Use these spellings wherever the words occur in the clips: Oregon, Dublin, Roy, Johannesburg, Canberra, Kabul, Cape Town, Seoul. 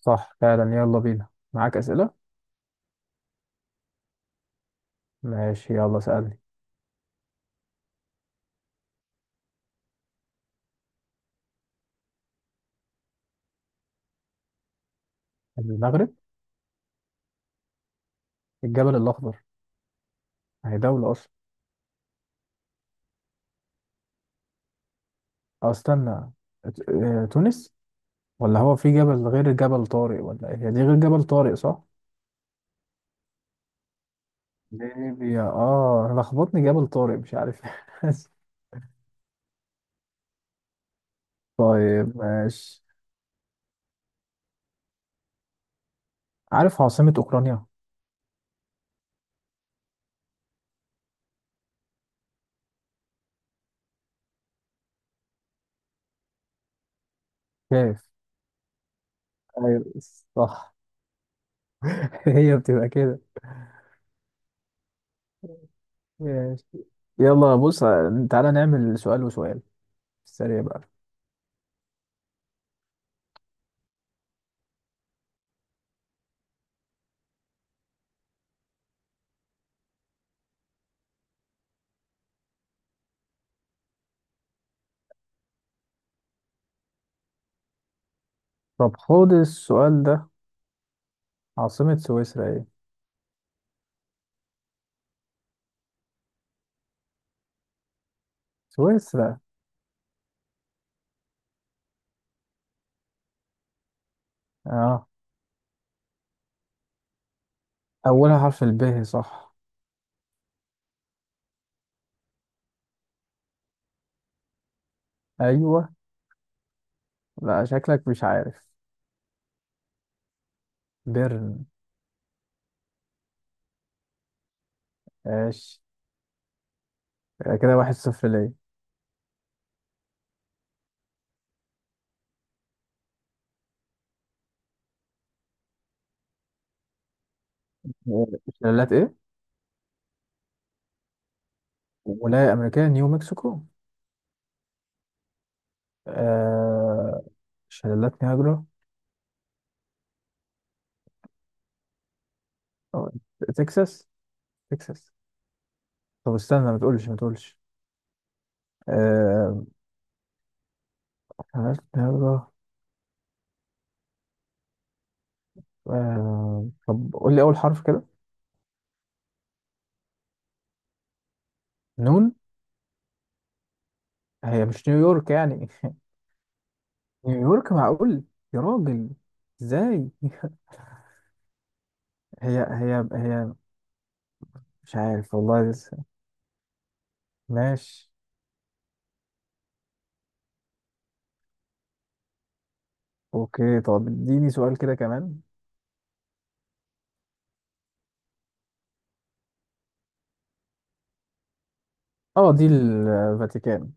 صح فعلا، يلا بينا. معاك أسئلة؟ ماشي، يلا سألني. المغرب. الجبل الأخضر هي دولة أصلا؟ أو استنى. تونس. ولا هو في جبل غير جبل طارق؟ ولا إيه، هي دي غير جبل طارق صح؟ ليبيا. أنا لخبطني جبل طارق، مش عارف. طيب ماشي. عارف عاصمة أوكرانيا؟ كيف. ايوه، صح. هي بتبقى كده. ماشي، يلا بص، تعالى نعمل سؤال وسؤال في السريع بقى. طب خد السؤال ده، عاصمة سويسرا ايه؟ سويسرا. اه، اولها حرف الب صح؟ ايوه. لا، شكلك مش عارف. بيرن. ماشي، كده واحد صفر ليا. شلالات ايه؟ ولاية امريكية، نيو مكسيكو. آه شلالات نياجرا. أو تكساس، تكساس. طب استنى، ما تقولش ما تقولش. آه شلالات نياجرا. آه، طب قول لي اول حرف كده. نون. هي مش نيويورك يعني؟ نيويورك؟ معقول؟ يا راجل، ازاي؟ هي. مش عارف والله لسه. ماشي. اوكي، طب اديني سؤال كده كمان. اه، دي الفاتيكان.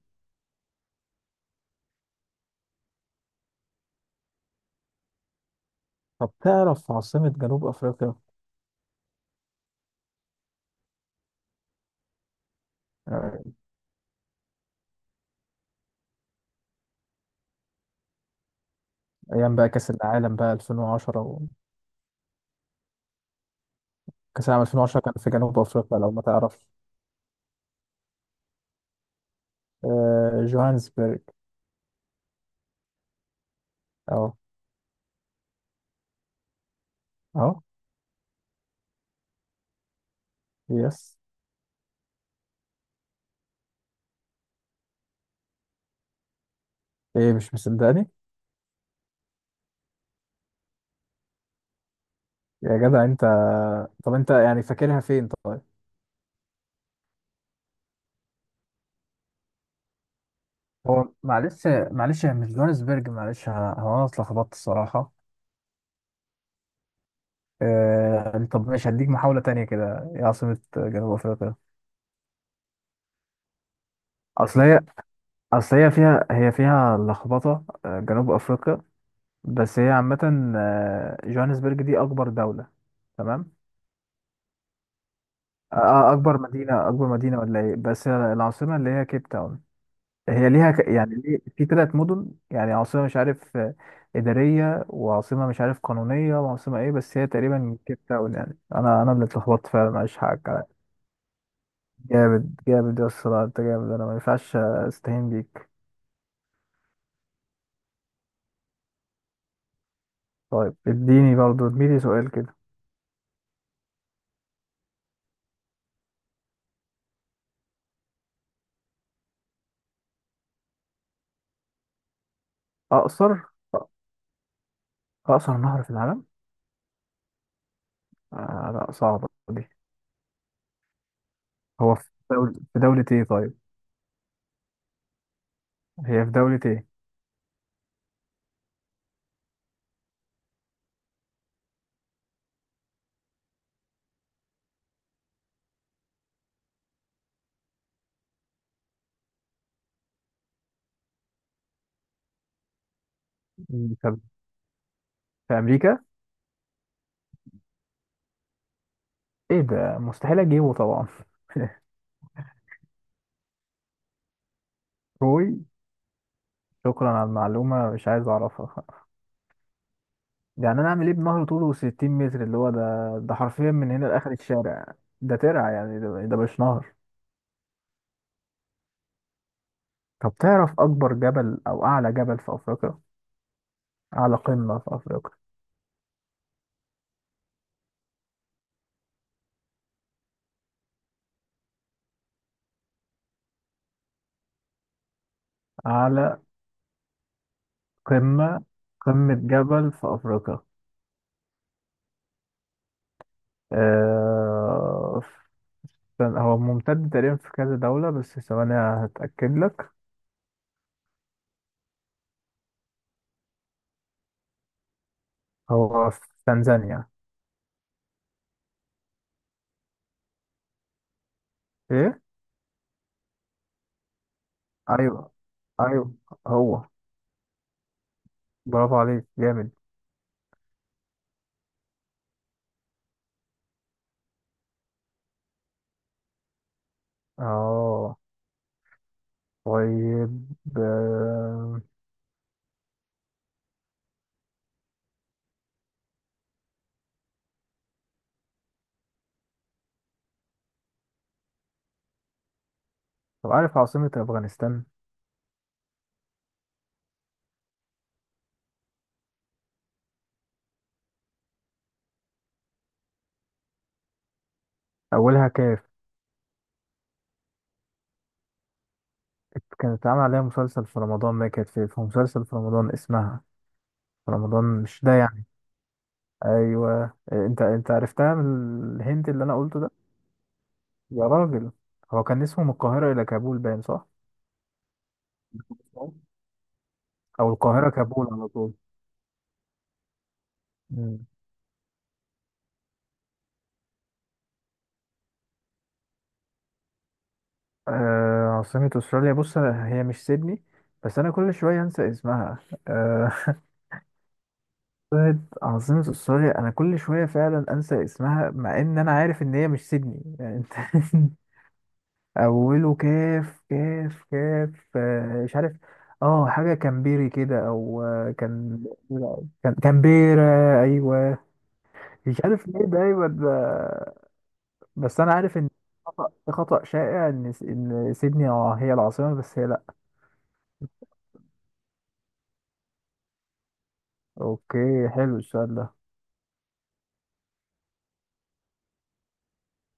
طب تعرف عاصمة جنوب افريقيا؟ آه، ايام بقى كاس العالم بقى 2010 و كاس العالم 2010 كان في جنوب افريقيا لو ما تعرفش. جوهانسبرج. اهو، اهو. يس. ايه، مش مصدقني؟ يا جدع انت. طب انت يعني فاكرها فين طيب؟ هو معلش، معلش، هي مش جوهانسبرج، معلش. هو انا اتلخبطت الصراحه. قال لي طب ماشي، هديك محاولة تانية كده، ايه عاصمة جنوب أفريقيا؟ أصل هي أصل هي فيها هي فيها لخبطة، جنوب أفريقيا، بس هي عامة، جوهانسبرج دي أكبر دولة. تمام. أكبر مدينة، أكبر مدينة ولا إيه، بس العاصمة اللي هي كيب تاون. هي ليها يعني ليه في ثلاث مدن، يعني عاصمة مش عارف، إدارية، وعاصمة مش عارف قانونية، وعاصمة إيه، بس هي تقريبا كيب تاون يعني. أنا اللي اتلخبطت فعلا، معلش، حقك. جامد، جامد يا اسطى. لا، انت جامد، انا ما ينفعش استهين بيك. طيب اديني برضه، اديني سؤال كده. اقصر؟ اقصر نهر في العالم؟ آه لا، صعبة دي. هو في دولة ايه طيب؟ هي في دولة ايه؟ طب، في امريكا؟ ايه ده، مستحيل اجيبه طبعا. روي. شكرا على المعلومة، مش عايز اعرفها. يعني انا اعمل ايه بنهر طوله 60 متر اللي هو ده؟ ده حرفيا من هنا لاخر الشارع. ده ترعة يعني، ده مش نهر. طب تعرف اكبر جبل او اعلى جبل في افريقيا، على قمة في أفريقيا؟ على قمة، قمة جبل في أفريقيا. آه. هو ممتد تقريبا في كذا دولة، بس ثواني هتأكد لك. هو في تنزانيا. إيه؟ أيوه، أيوه، هو. برافو عليك، جامد. اه، طيب. آه، طب عارف عاصمة أفغانستان؟ أولها كاف. كانت اتعمل عليها مسلسل في رمضان، ما كانت في مسلسل في رمضان اسمها في رمضان، مش ده يعني؟ ايوه، انت عرفتها من الهنت اللي انا قلته ده. يا راجل، هو كان اسمه من القاهرة الى كابول، باين صح؟ او القاهرة كابول على طول. مم. آه، عاصمة استراليا. هي مش سيدني، بس انا كل شوية انسى اسمها. آه. عاصمة، عاصمة استراليا، انا كل شوية فعلا انسى اسمها، مع ان انا عارف ان هي مش سيدني يعني انت. اوله كاف، كاف، كاف، مش عارف. اه حاجه كامبيري كده، او كان، كان كامبيرا. ايوه. مش عارف ليه ده، ايوه ده. بس انا عارف ان خطأ، خطأ شائع ان ان سيدني اه هي العاصمه، بس هي لا. اوكي، حلو السؤال ده.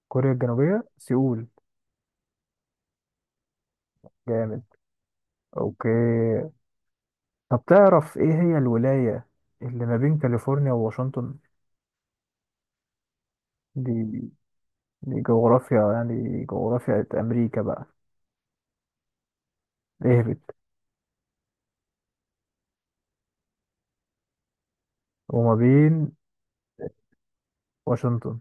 كوريا الجنوبيه، سيول. جامد. اوكي، طب تعرف ايه هي الولايه اللي ما بين كاليفورنيا وواشنطن؟ دي، دي جغرافيا يعني، جغرافيا امريكا بقى. اهبط. وما بين؟ واشنطن.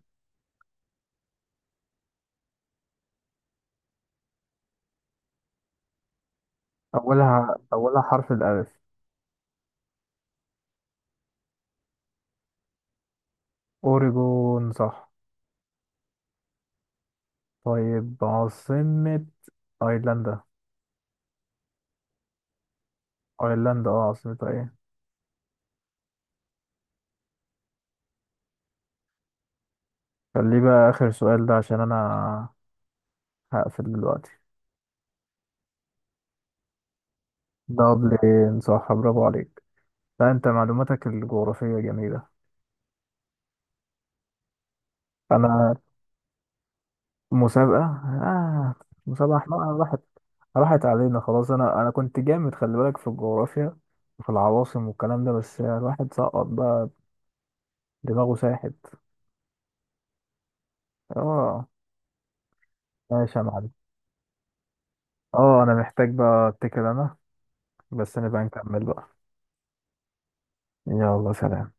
أولها حرف الألف. أوريجون صح. طيب عاصمة أيرلندا. أيرلندا اه، عاصمتها ايه؟ خليه بقى آخر سؤال ده، عشان أنا هقفل دلوقتي. دبلن صح، برافو عليك. لا أنت معلوماتك الجغرافية جميلة. أنا؟ مسابقة؟ آه. مسابقة، احنا راحت، راحت علينا خلاص. أنا كنت جامد، خلي بالك، في الجغرافيا وفي العواصم والكلام ده، بس الواحد سقط بقى، دماغه ساحت. اه، ماشي يا معلم. اه، انا محتاج بقى اتكل انا، بس نبقى نكمل بقى. يلا سلام.